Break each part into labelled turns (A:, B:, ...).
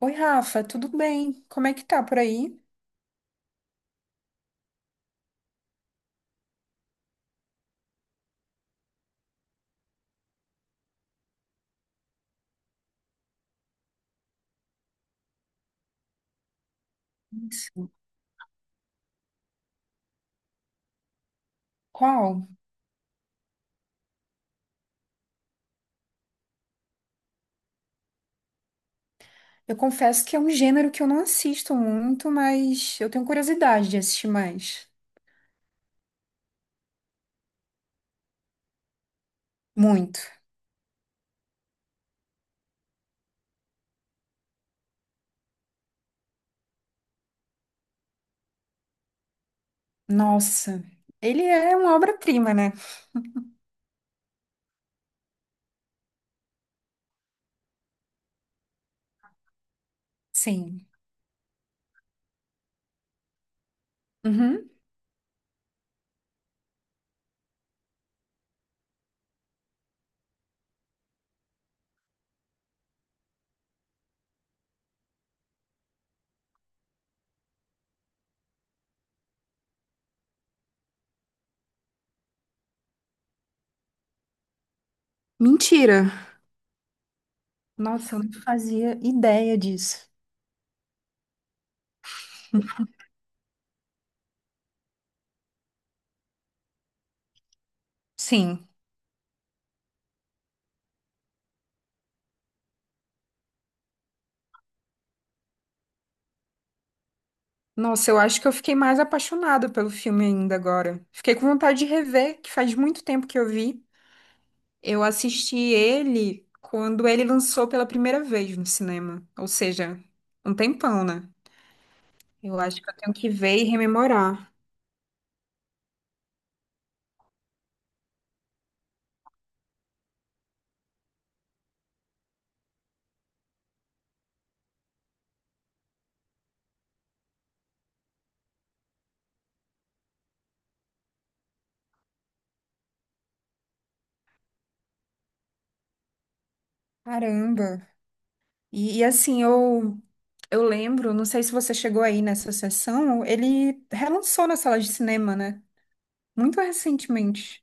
A: Oi, Rafa, tudo bem? Como é que tá por aí? Isso. Qual? Eu confesso que é um gênero que eu não assisto muito, mas eu tenho curiosidade de assistir mais. Muito. Nossa, ele é uma obra-prima, né? Sim. Uhum. Mentira. Nossa, eu não fazia ideia disso. Sim. Nossa, eu acho que eu fiquei mais apaixonada pelo filme ainda agora. Fiquei com vontade de rever, que faz muito tempo que eu vi. Eu assisti ele quando ele lançou pela primeira vez no cinema. Ou seja, um tempão, né? Eu acho que eu tenho que ver e rememorar. Caramba! E assim, eu lembro, não sei se você chegou aí nessa sessão, ele relançou na sala de cinema, né? Muito recentemente.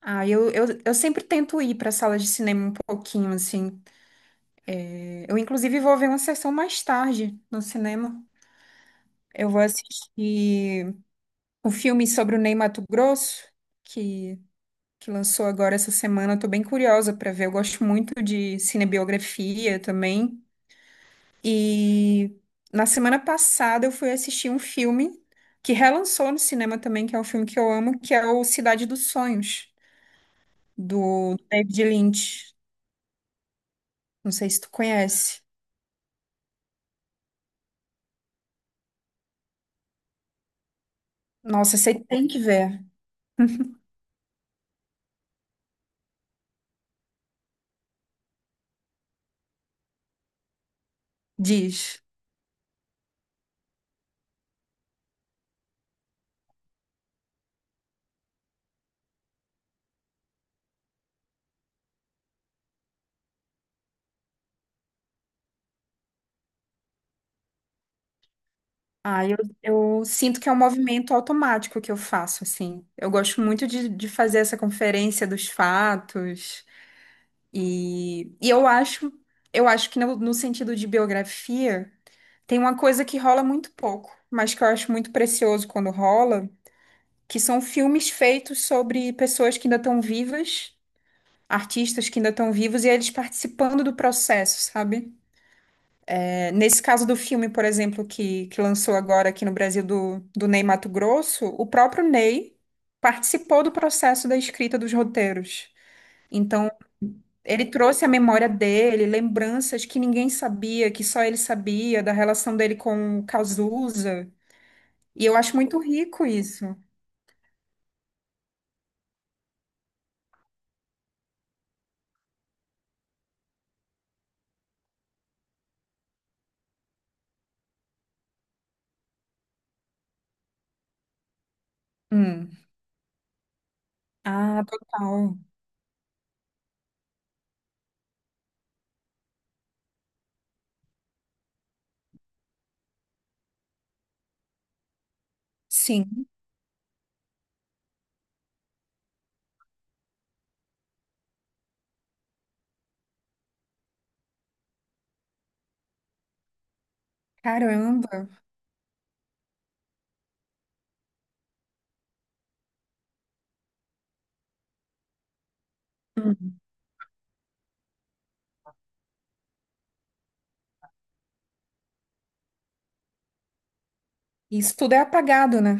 A: Ah, eu sempre tento ir para sala de cinema um pouquinho, assim. Eu, inclusive, vou ver uma sessão mais tarde no cinema. Eu vou assistir o filme sobre o Ney Matogrosso, que, que lançou agora essa semana. Eu tô bem curiosa para ver. Eu gosto muito de cinebiografia também. E na semana passada eu fui assistir um filme que relançou no cinema também, que é um filme que eu amo, que é o Cidade dos Sonhos, do David Lynch. Não sei se tu conhece. Nossa, você tem que ver. Diz. Ah, eu sinto que é um movimento automático que eu faço, assim. Eu gosto muito de fazer essa conferência dos fatos. E eu acho que no sentido de biografia, tem uma coisa que rola muito pouco, mas que eu acho muito precioso quando rola, que são filmes feitos sobre pessoas que ainda estão vivas, artistas que ainda estão vivos, e eles participando do processo, sabe? Nesse caso do filme, por exemplo, que lançou agora aqui no Brasil do Ney Matogrosso, o próprio Ney participou do processo da escrita dos roteiros. Então, ele trouxe a memória dele, lembranças que ninguém sabia, que só ele sabia, da relação dele com o Cazuza. E eu acho muito rico isso. Hum. Ah, total. Sim. Caramba. Hum. Isso tudo é apagado, né?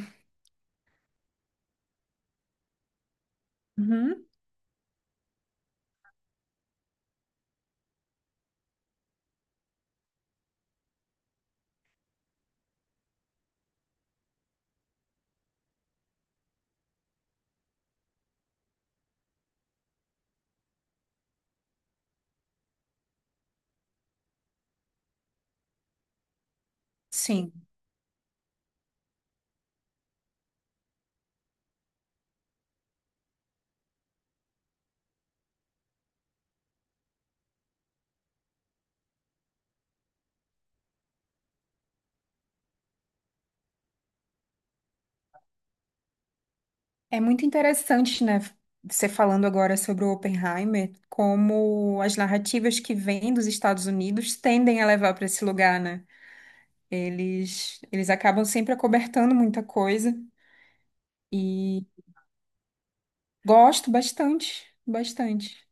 A: Uhum. Sim. É muito interessante, né, você falando agora sobre o Oppenheimer, como as narrativas que vêm dos Estados Unidos tendem a levar para esse lugar, né? Eles acabam sempre acobertando muita coisa e gosto bastante, bastante.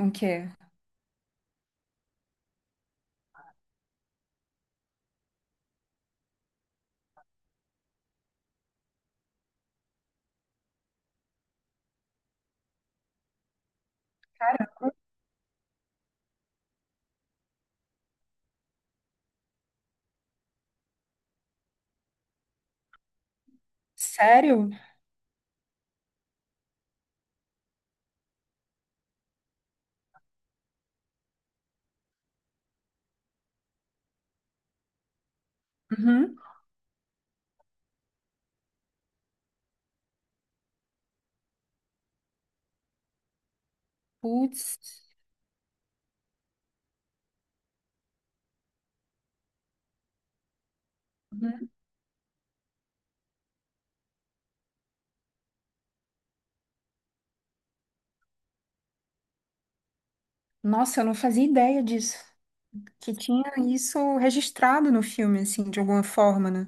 A: O quê? Sério? Uhum. Putz. Uhum. Nossa, eu não fazia ideia disso. Que tinha isso registrado no filme, assim, de alguma forma, né?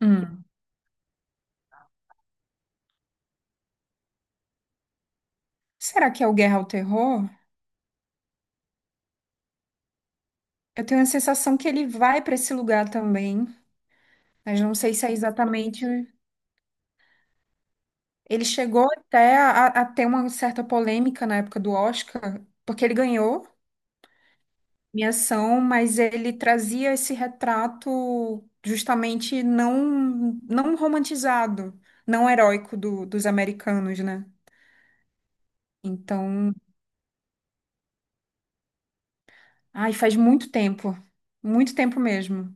A: Hum. Será que é o Guerra ao Terror? Eu tenho a sensação que ele vai para esse lugar também, mas não sei se é exatamente. Ele chegou até a ter uma certa polêmica na época do Oscar, porque ele ganhou minha ação, mas ele trazia esse retrato justamente não, não romantizado, não heróico do- dos americanos, né? Então, ai, faz muito tempo mesmo.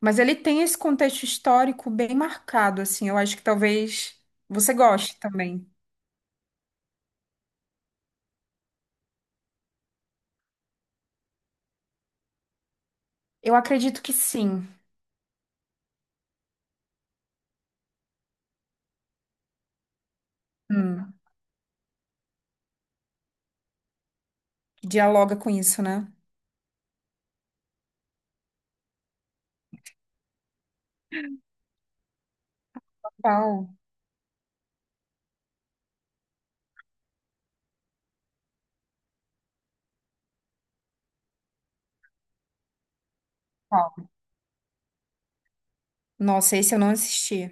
A: Mas ele tem esse contexto histórico bem marcado, assim. Eu acho que talvez você goste também. Eu acredito que sim. Hum. Dialoga com isso, né? Qual? Qual? Nossa, esse eu não assisti.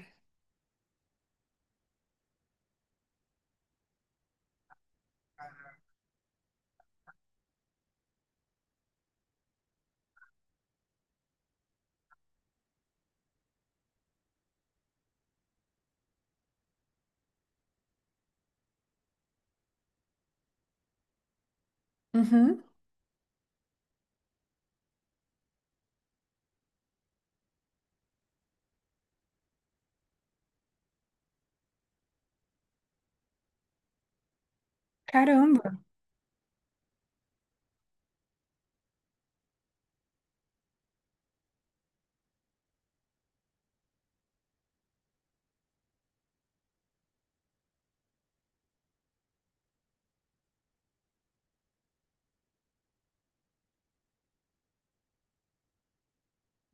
A: Uhum. Caramba.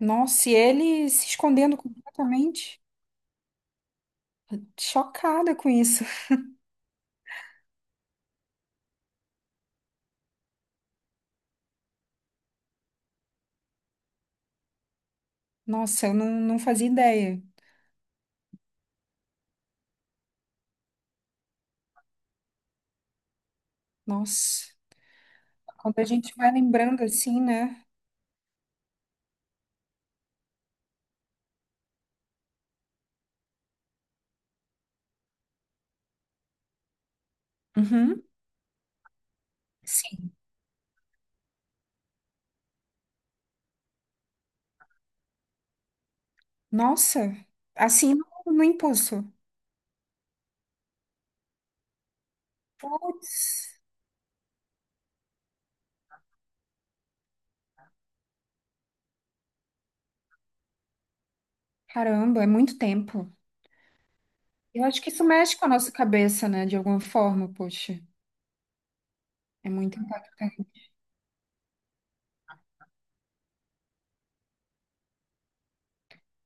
A: Nossa, e ele se escondendo completamente. Chocada com isso. Nossa, eu não, não fazia ideia. Nossa. Quando a gente vai lembrando assim, né? Uhum. Sim. Nossa. Assim no impulso. Putz. Caramba, é muito tempo. Eu acho que isso mexe com a nossa cabeça, né? De alguma forma, poxa. É muito impactante.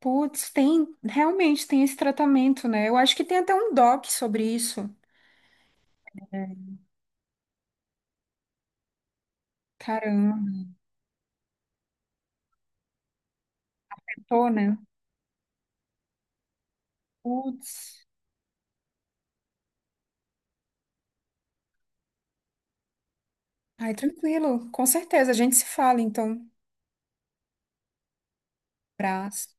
A: Putz, tem, realmente tem esse tratamento, né? Eu acho que tem até um doc sobre isso. É. Caramba, tô, né? Putz. Ai, tranquilo, com certeza, a gente se fala, então. Abraço.